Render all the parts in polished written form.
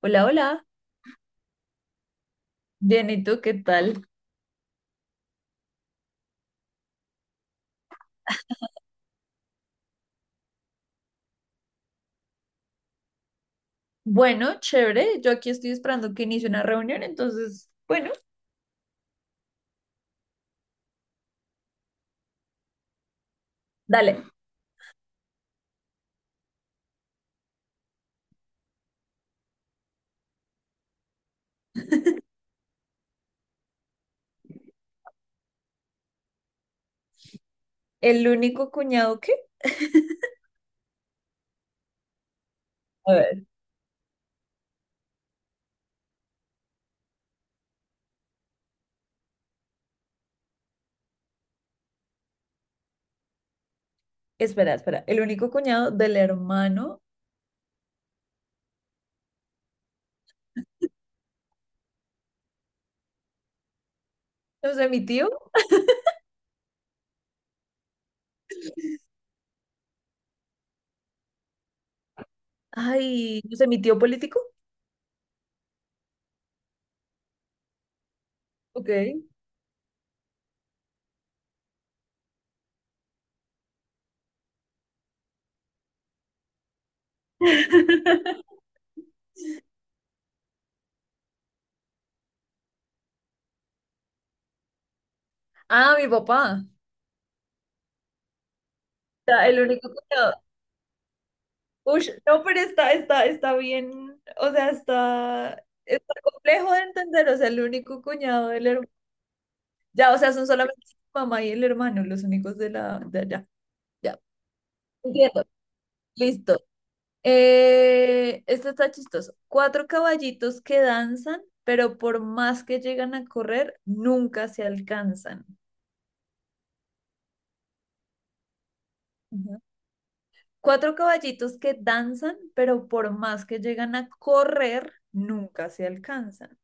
Hola, hola. Bien, ¿y tú qué tal? Bueno, chévere. Yo aquí estoy esperando que inicie una reunión, entonces, bueno, dale. El único cuñado que... A ver, espera. El único cuñado del hermano, no sé, mi tío. Ay, no sé, mi tío político. Ok. Ah, mi papá. Está el único cuñado. Ush, no, pero está bien. O sea, está complejo de entender. O sea, el único cuñado del hermano. Ya, o sea, son solamente su mamá y el hermano, los únicos de la de allá. Ya. Entiendo. Listo. Esto está chistoso. Cuatro caballitos que danzan, pero por más que llegan a correr, nunca se alcanzan. Ujú. Cuatro caballitos que danzan, pero por más que llegan a correr, nunca se alcanzan.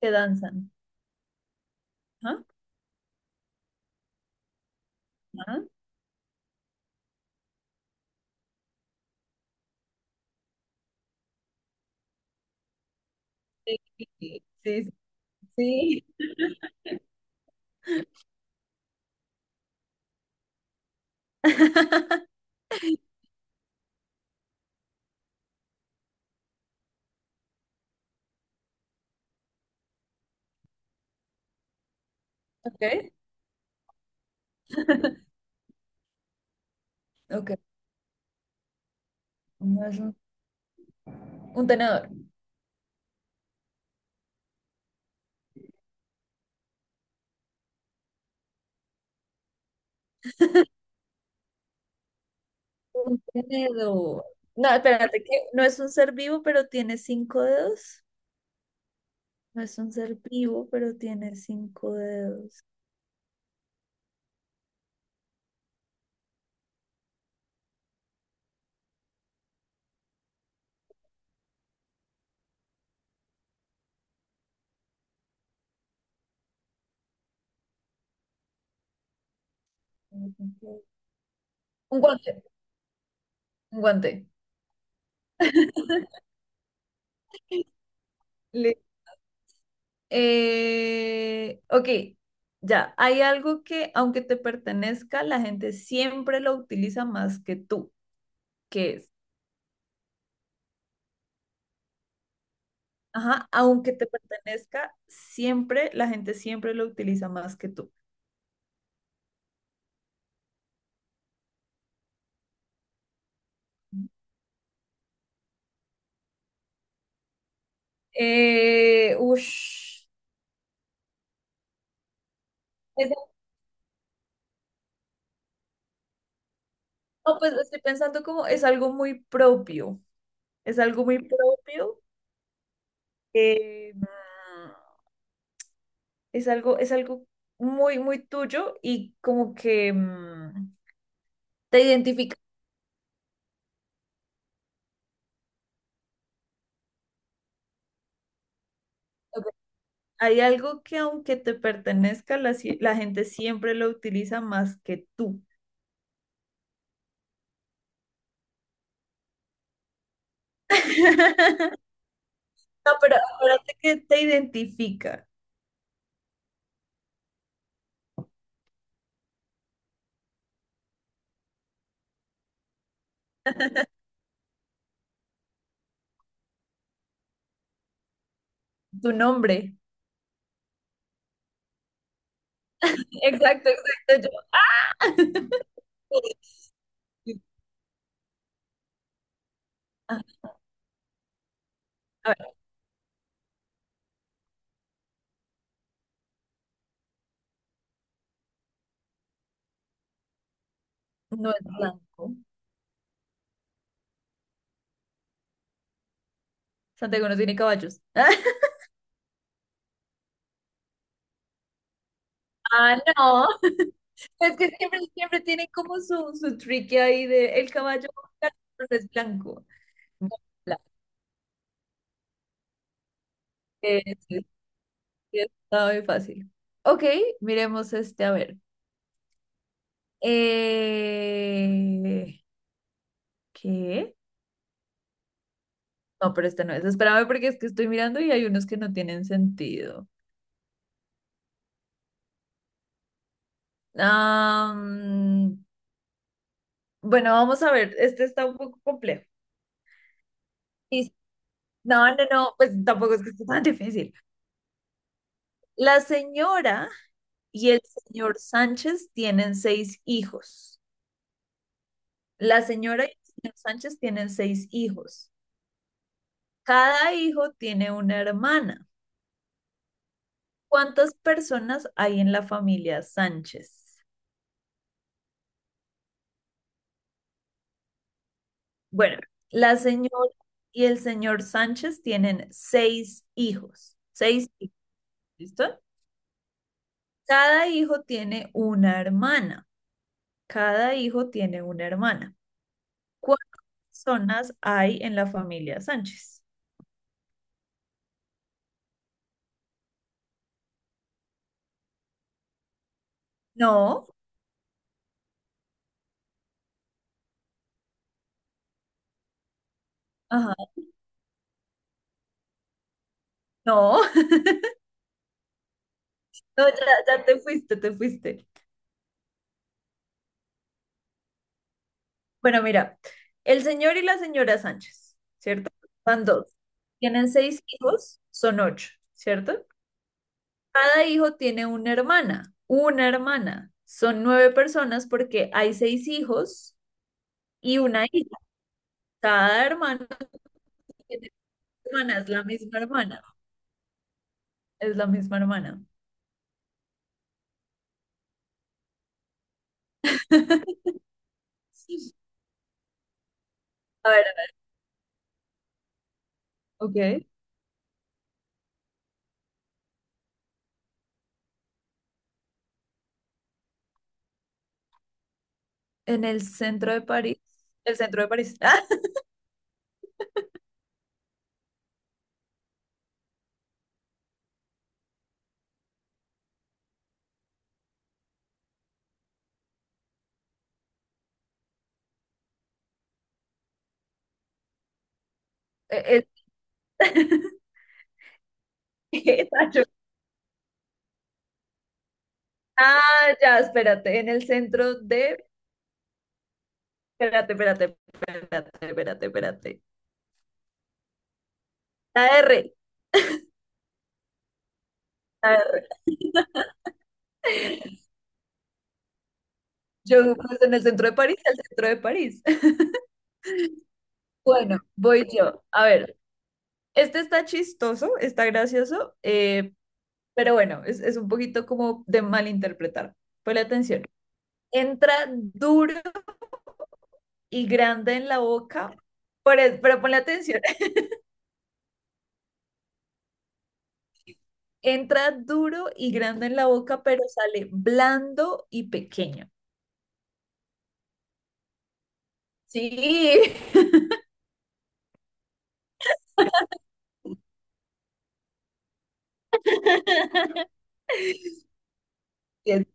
Que danzan. Ajá, ajá. Sí, sí, sí, sí. Ok. Ok. Un tenedor. Un tenedor. No, espérate, que no es un ser vivo, pero tiene cinco dedos. No es un ser vivo, pero tiene cinco dedos. Un guante, un guante. Le- ok, ya. Hay algo que, aunque te pertenezca, la gente siempre lo utiliza más que tú, qué es, ajá, aunque te pertenezca, siempre, la gente siempre lo utiliza más que tú. Ush, Es No, pues estoy pensando como es algo muy propio, es algo muy propio, eh, mm, es algo muy, muy tuyo y como que te identifica. Ok, hay algo que aunque te pertenezca, la gente siempre lo utiliza más que tú. No, pero acuérdate que te identifica tu nombre. Exacto, exacto. Ah, a ver, no es blanco. Santiago no tiene caballos. Ah, no. Es que siempre, siempre tienen como su tricky ahí de el caballo blanco no es blanco. Bla, eh, sí, sí, está muy fácil. Ok, miremos este, a ver. Eh, ¿Qué? No, pero esta no es. Espérame porque es que estoy mirando y hay unos que no tienen sentido. Am, bueno, vamos a ver. Este está un poco complejo. Y- No, no, no, pues tampoco es que esté tan difícil. La señora y el señor Sánchez tienen seis hijos. La señora y el señor Sánchez tienen seis hijos. Cada hijo tiene una hermana. ¿Cuántas personas hay en la familia Sánchez? Bueno, la señora y el señor Sánchez tienen seis hijos. Seis hijos, ¿listo? Cada hijo tiene una hermana. Cada hijo tiene una hermana. ¿Cuántas personas hay en la familia Sánchez? No, ajá, no. No, ya, ya te fuiste. Bueno, mira, el señor y la señora Sánchez, ¿cierto? Van dos. Tienen seis hijos, son ocho, ¿cierto? Cada hijo tiene una hermana, una hermana. Son nueve personas porque hay seis hijos y una hija. Cada hermano tiene una hermana, es la misma hermana, es la misma hermana. A ver, ok. En el centro de París, el centro de París. Ah, eh, exacto. Ah, ya, espérate, en el centro de... Espérate. La R, la R. Yo, pues, en el centro de París, el centro de París. Bueno, voy yo. A ver, este está chistoso, está gracioso, pero bueno, es un poquito como de malinterpretar. Ponle atención. Entra duro y grande en la boca, pero ponle atención. Entra duro y grande en la boca, pero sale blando y pequeño. Sí. Bien.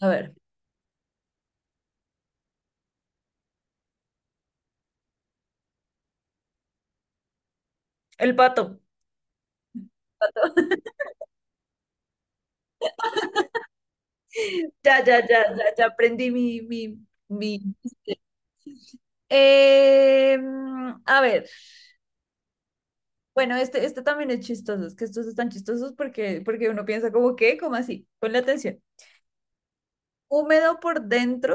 A ver, el pato. Ya, ya, ya, ya, ya aprendí mi. Eh, a ver, bueno, este también es chistoso, es que estos están chistosos porque, porque uno piensa como, ¿qué? Como así, ponle atención. Húmedo por dentro,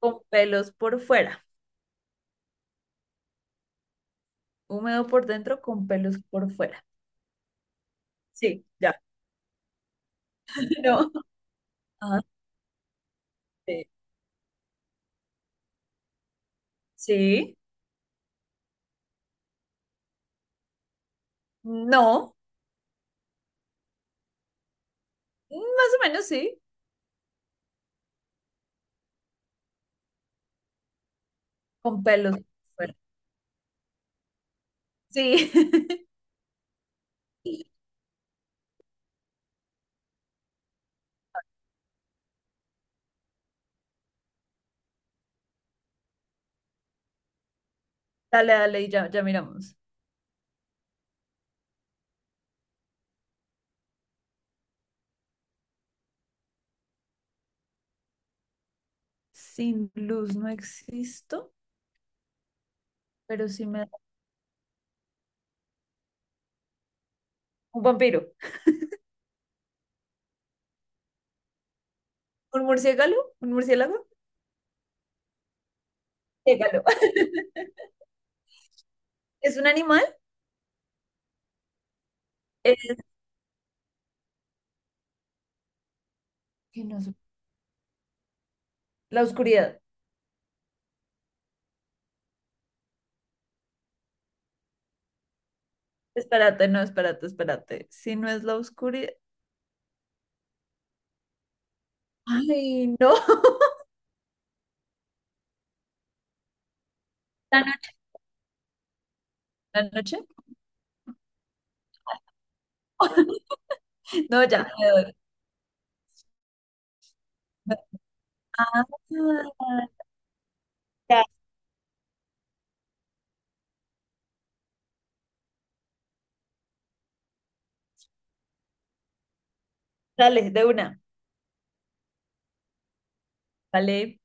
con pelos por fuera. Húmedo por dentro con pelos por fuera. Sí, ya. No. Ajá. Sí. Sí. No. Más o menos sí. Con pelos por fuera. Sí. Dale, dale, y ya, ya miramos. Sin luz no existo, pero sí me da... Un vampiro. ¿Un murciélago? ¿Un murciélago? Murciélago. ¿Es un animal? Es... que no sé. La oscuridad. Espérate, no, espérate. Si no es la oscuridad. Ay, no. ¿La noche? ¿La noche? No, ya me doy. Ah, ya, dale, de una. Vale.